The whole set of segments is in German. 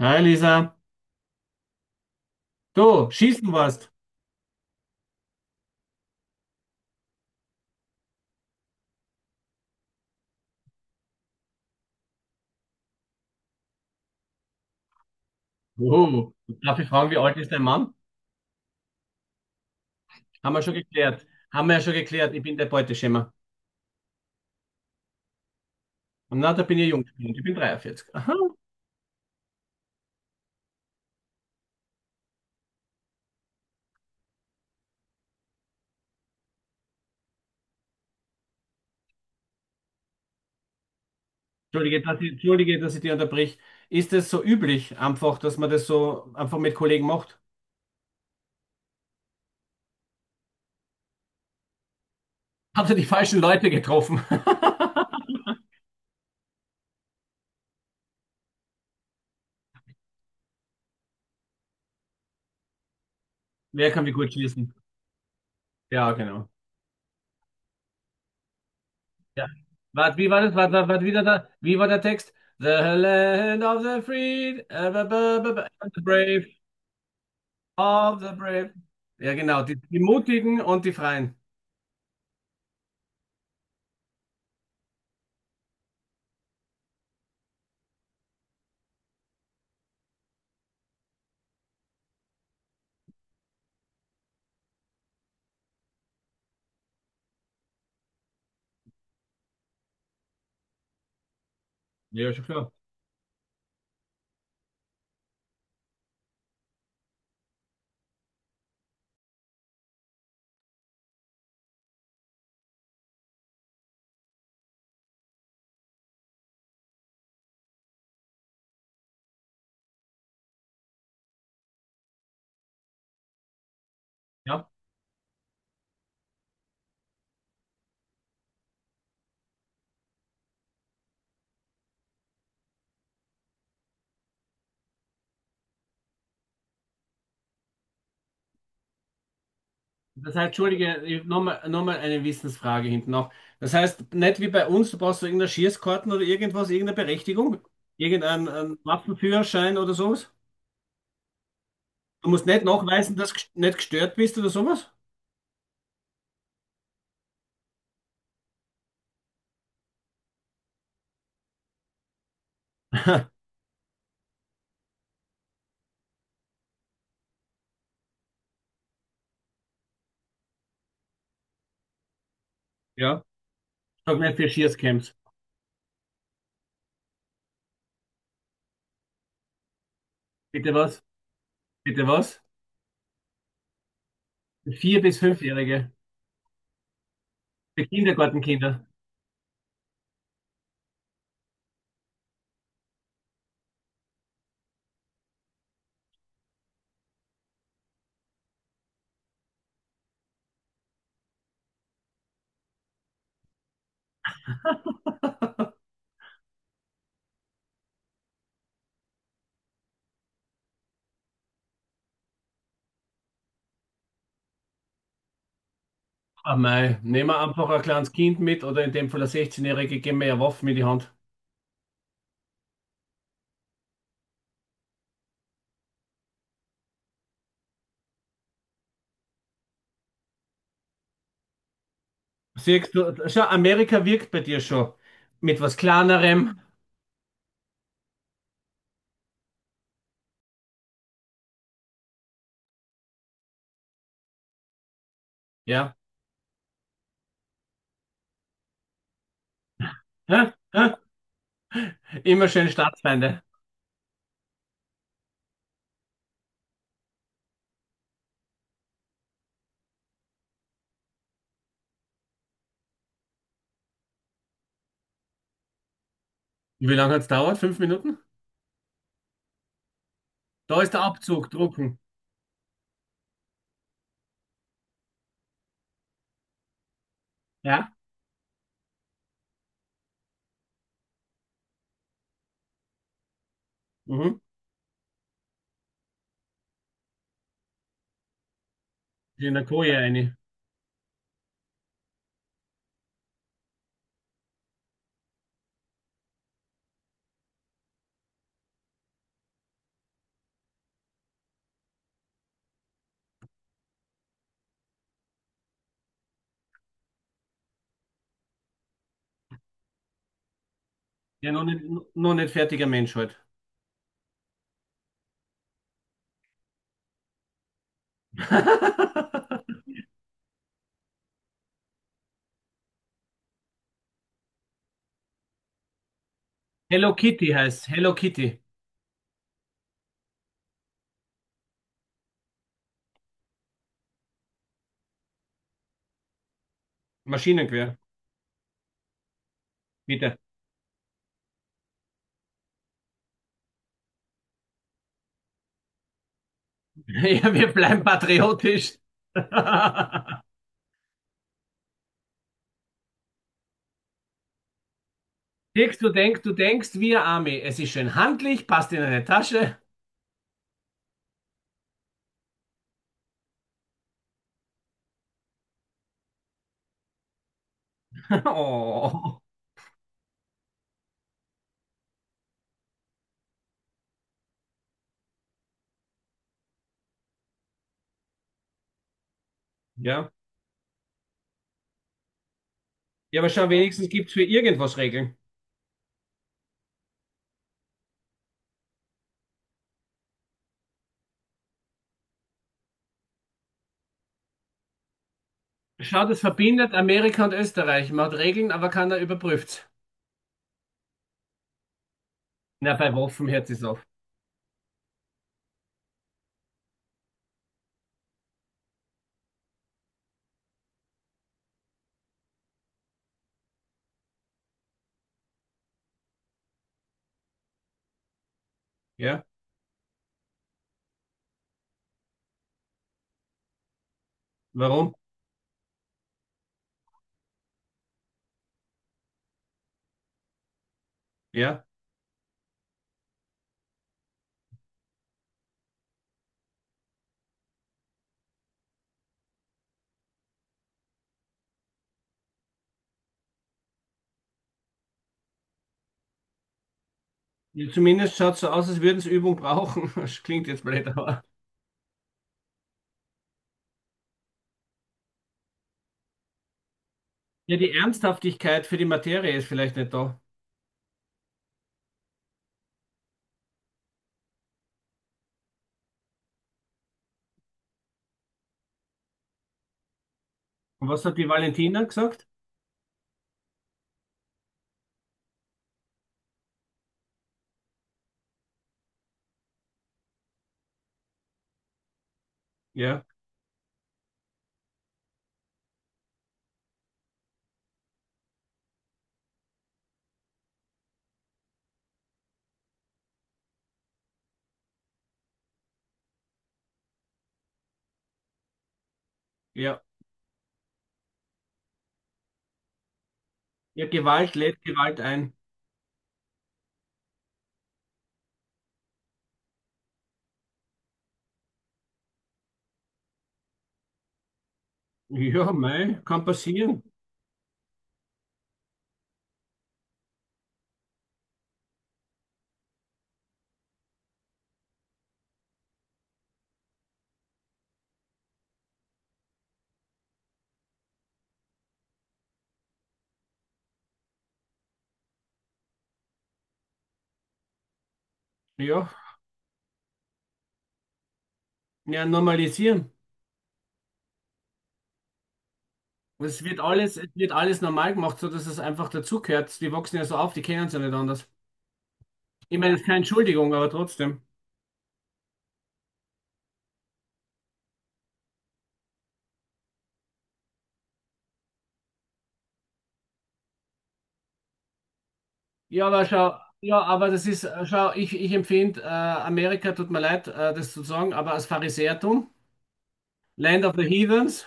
Hi Lisa, du, schießen warst. Oh, darf ich fragen, wie alt ist dein Mann? Haben wir schon geklärt. Haben wir ja schon geklärt, ich bin der Beuteschema. Na, da bin ich jung, ich bin 43. Aha. Entschuldige, dass ich dich unterbrich. Ist es so üblich, einfach, dass man das so einfach mit Kollegen macht? Habt ihr die falschen Leute getroffen? Wer kann wie gut schießen? Ja, genau. Ja. Wart, wie war das? Wart, wieder da? Wie war der Text? The land of the free, and the brave. Of the brave. Ja, genau, die, die Mutigen und die Freien. Ja, schon klar. Ja. Das heißt, Entschuldige, nochmal eine Wissensfrage hinten noch. Das heißt, nicht wie bei uns, du brauchst so irgendeine Schießkarten oder irgendwas, irgendeine Berechtigung, irgendeinen einen Waffenführerschein oder sowas. Du musst nicht nachweisen, dass du nicht gestört bist oder sowas. Ja. Sag nicht für Schießcamps. Bitte was? Bitte was? Für Vier- bis Fünfjährige. Für Kindergartenkinder. Ah, mei, nehmen wir einfach ein kleines Kind mit oder in dem Fall ein 16-Jährige, geben wir ja Waffen in die Hand. Siehst du, schau, Amerika wirkt bei dir schon. Mit was Kleinerem, ja. Hä? Hä? Immer schön Staatsfeinde. Wie lange hat's dauert? Fünf Minuten? Da ist der Abzug, drucken. Ja? Mhm. In der Koje eine. Ja, noch nicht fertiger Mensch halt. Hello Kitty heißt Hello Kitty. Maschinengewehr, bitte. Ja, wir bleiben patriotisch. Dirk, du denkst wir Armee. Es ist schön handlich, passt in eine Tasche. Oh. Ja. Ja, aber schau, wenigstens gibt es für irgendwas Regeln. Schau, das verbindet Amerika und Österreich. Man hat Regeln, aber keiner überprüft's. Na, bei Waffen hört es auf. Ja. Warum? Ja. Ja, zumindest schaut so aus, als würden sie Übung brauchen. Das klingt jetzt blöd, aber. Ja, die Ernsthaftigkeit für die Materie ist vielleicht nicht da. Und was hat die Valentina gesagt? Ja. Ja. Ja, Gewalt lädt Gewalt ein. Ja, mei, kann passieren. Ja. Ja, normalisieren. Es wird alles normal gemacht, so dass es einfach dazugehört. Die wachsen ja so auf, die kennen es ja nicht anders. Ich meine, es ist keine Entschuldigung, aber trotzdem. Ja, aber schau, ja, aber das ist, schau, ich empfinde, Amerika, tut mir leid, das zu sagen, aber als Pharisäertum, Land of the Heathens,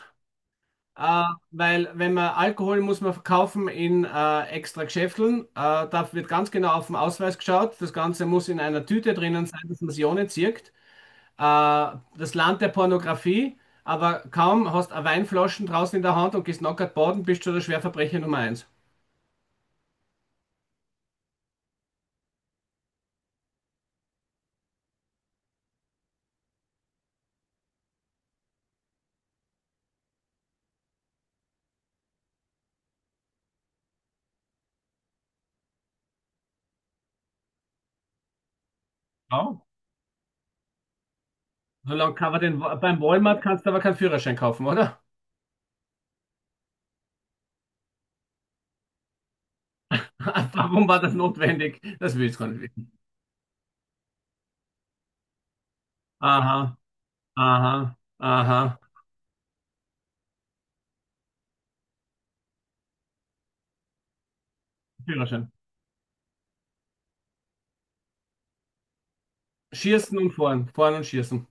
äh, weil wenn man Alkohol muss man verkaufen in extra Geschäfteln, da wird ganz genau auf den Ausweis geschaut, das Ganze muss in einer Tüte drinnen sein, dass man sie ohne zieht. Das Land der Pornografie, aber kaum hast du Weinflaschen draußen in der Hand und gehst nackert baden, bist du der Schwerverbrecher Nummer eins. Ja. Solange kann man den, beim Walmart kannst du aber keinen Führerschein kaufen, oder? Warum war das notwendig? Das will ich gar nicht wissen. Aha, aha, aha. Führerschein. Schießen und fahren, fahren und schießen.